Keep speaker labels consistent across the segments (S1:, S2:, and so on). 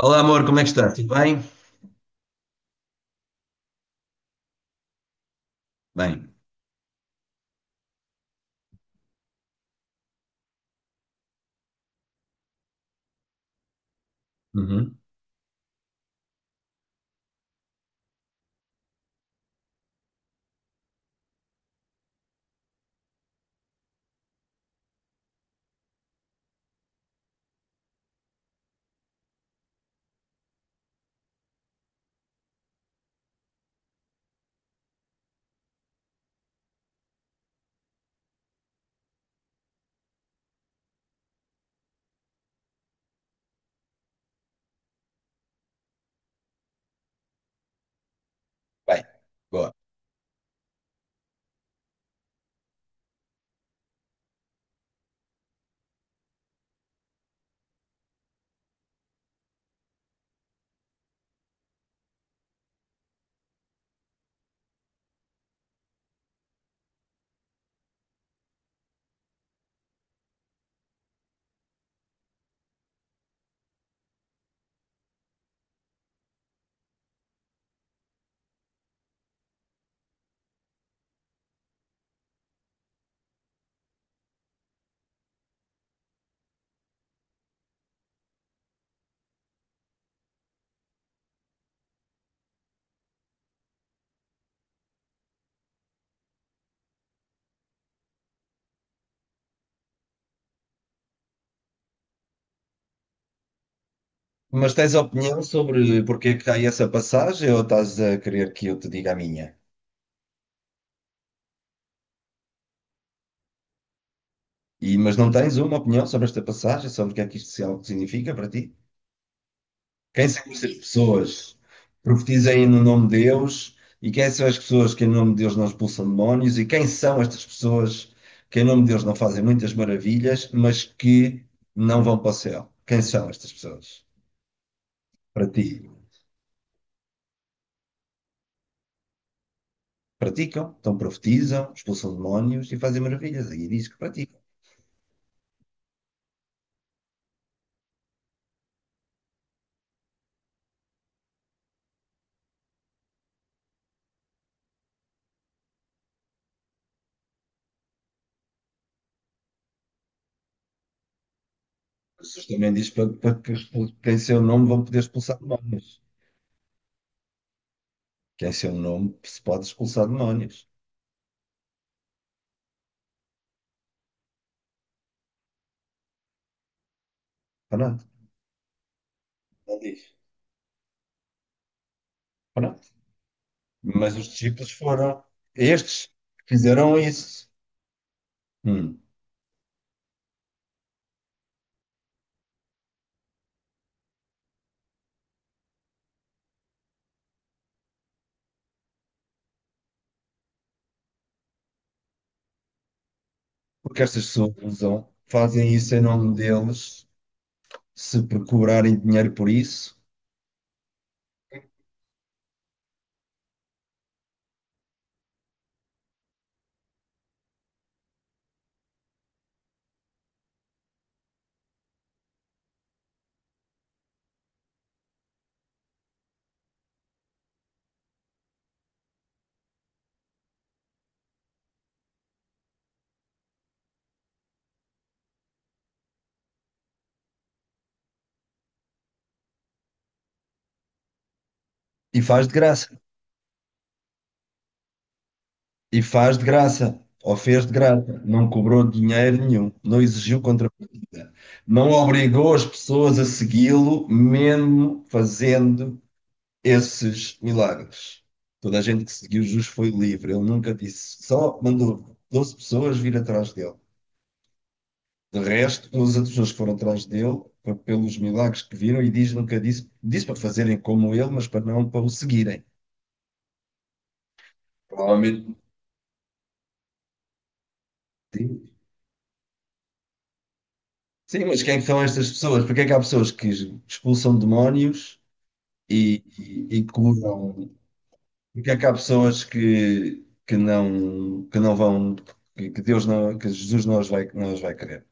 S1: Olá, amor, como é que está? Tudo bem? Bem. Uhum. Bem, boa. Mas tens opinião sobre porque é que há essa passagem ou estás a querer que eu te diga a minha? E, mas não tens uma opinião sobre esta passagem, sobre o que é que isto se- algo significa para ti? Quem são estas pessoas que profetizem no nome de Deus? E quem são as pessoas que em nome de Deus não expulsam demónios? E quem são estas pessoas que em nome de Deus não fazem muitas maravilhas, mas que não vão para o céu? Quem são estas pessoas para ti? Praticam, então profetizam, expulsam demónios e fazem maravilhas. Aqui diz que praticam. Jesus também diz para que que em seu nome vão poder expulsar demónios. Que em seu nome se pode expulsar demónios. Pronto, não diz. Pronto. Mas os discípulos foram estes que fizeram isso. Hum. Porque estas pessoas usam, fazem isso em nome deles, se por cobrarem dinheiro por isso, e faz de graça. E faz de graça, ou fez de graça, não cobrou dinheiro nenhum, não exigiu contrapartida, não obrigou as pessoas a segui-lo, mesmo fazendo esses milagres. Toda a gente que seguiu Jesus foi livre, ele nunca disse, só mandou 12 pessoas vir atrás dele. De resto, os outros pessoas que foram atrás dele, foi pelos milagres que viram, e diz, nunca disse, disse para fazerem como ele, mas para não para o seguirem. Provavelmente. Sim, mas quem é que são estas pessoas? Porque é que há pessoas que expulsam demónios e curam? Porque é que há pessoas que não vão, que Deus não, que Jesus não não os vai querer?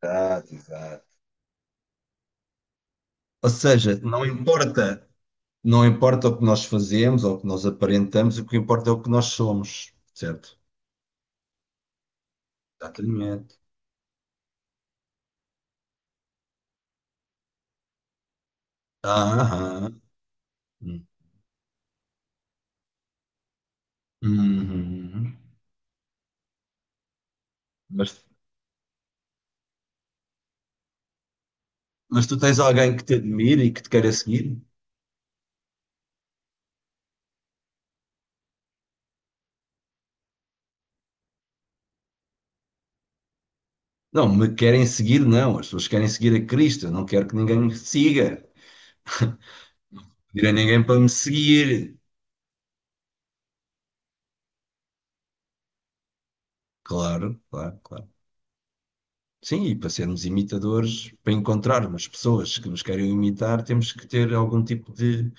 S1: Exato, exato. Ou seja, não importa, não importa o que nós fazemos ou o que nós aparentamos, o que importa é o que nós somos, certo? Exatamente. Aham. Uhum. Mas, mas tu tens alguém que te admire e que te queira seguir? Não, me querem seguir, não. As pessoas querem seguir a Cristo. Eu não quero que ninguém me siga. Pedir a ninguém para me seguir. Claro, claro, claro. Sim, e para sermos imitadores, para encontrarmos pessoas que nos querem imitar, temos que ter algum tipo de,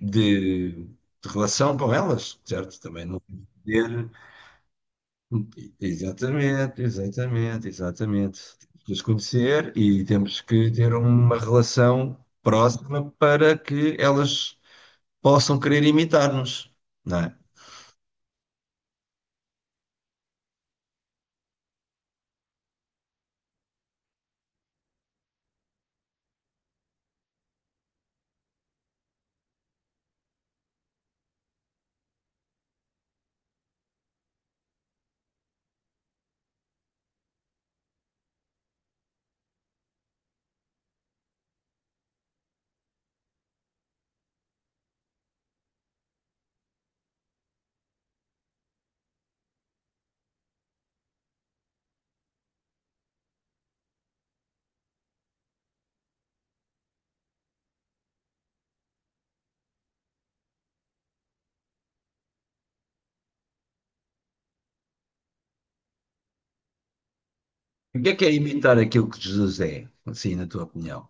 S1: de, de relação com elas, certo? Também não poder. Exatamente, exatamente, exatamente. Temos que as conhecer e temos que ter uma relação próxima para que elas possam querer imitar-nos, não é? O que é imitar aquilo que Jesus é, assim, na tua opinião?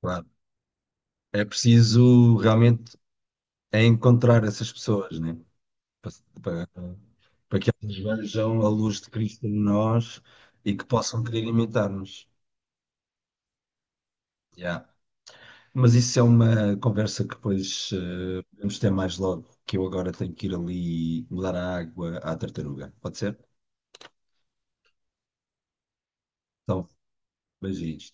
S1: Claro, é preciso realmente é encontrar essas pessoas, né? Para, para, para que elas vejam a luz de Cristo em nós e que possam querer imitar-nos. Yeah. Mas isso é uma conversa que depois podemos ter mais logo, que eu agora tenho que ir ali mudar a água à tartaruga. Pode ser? Então, beijinhos.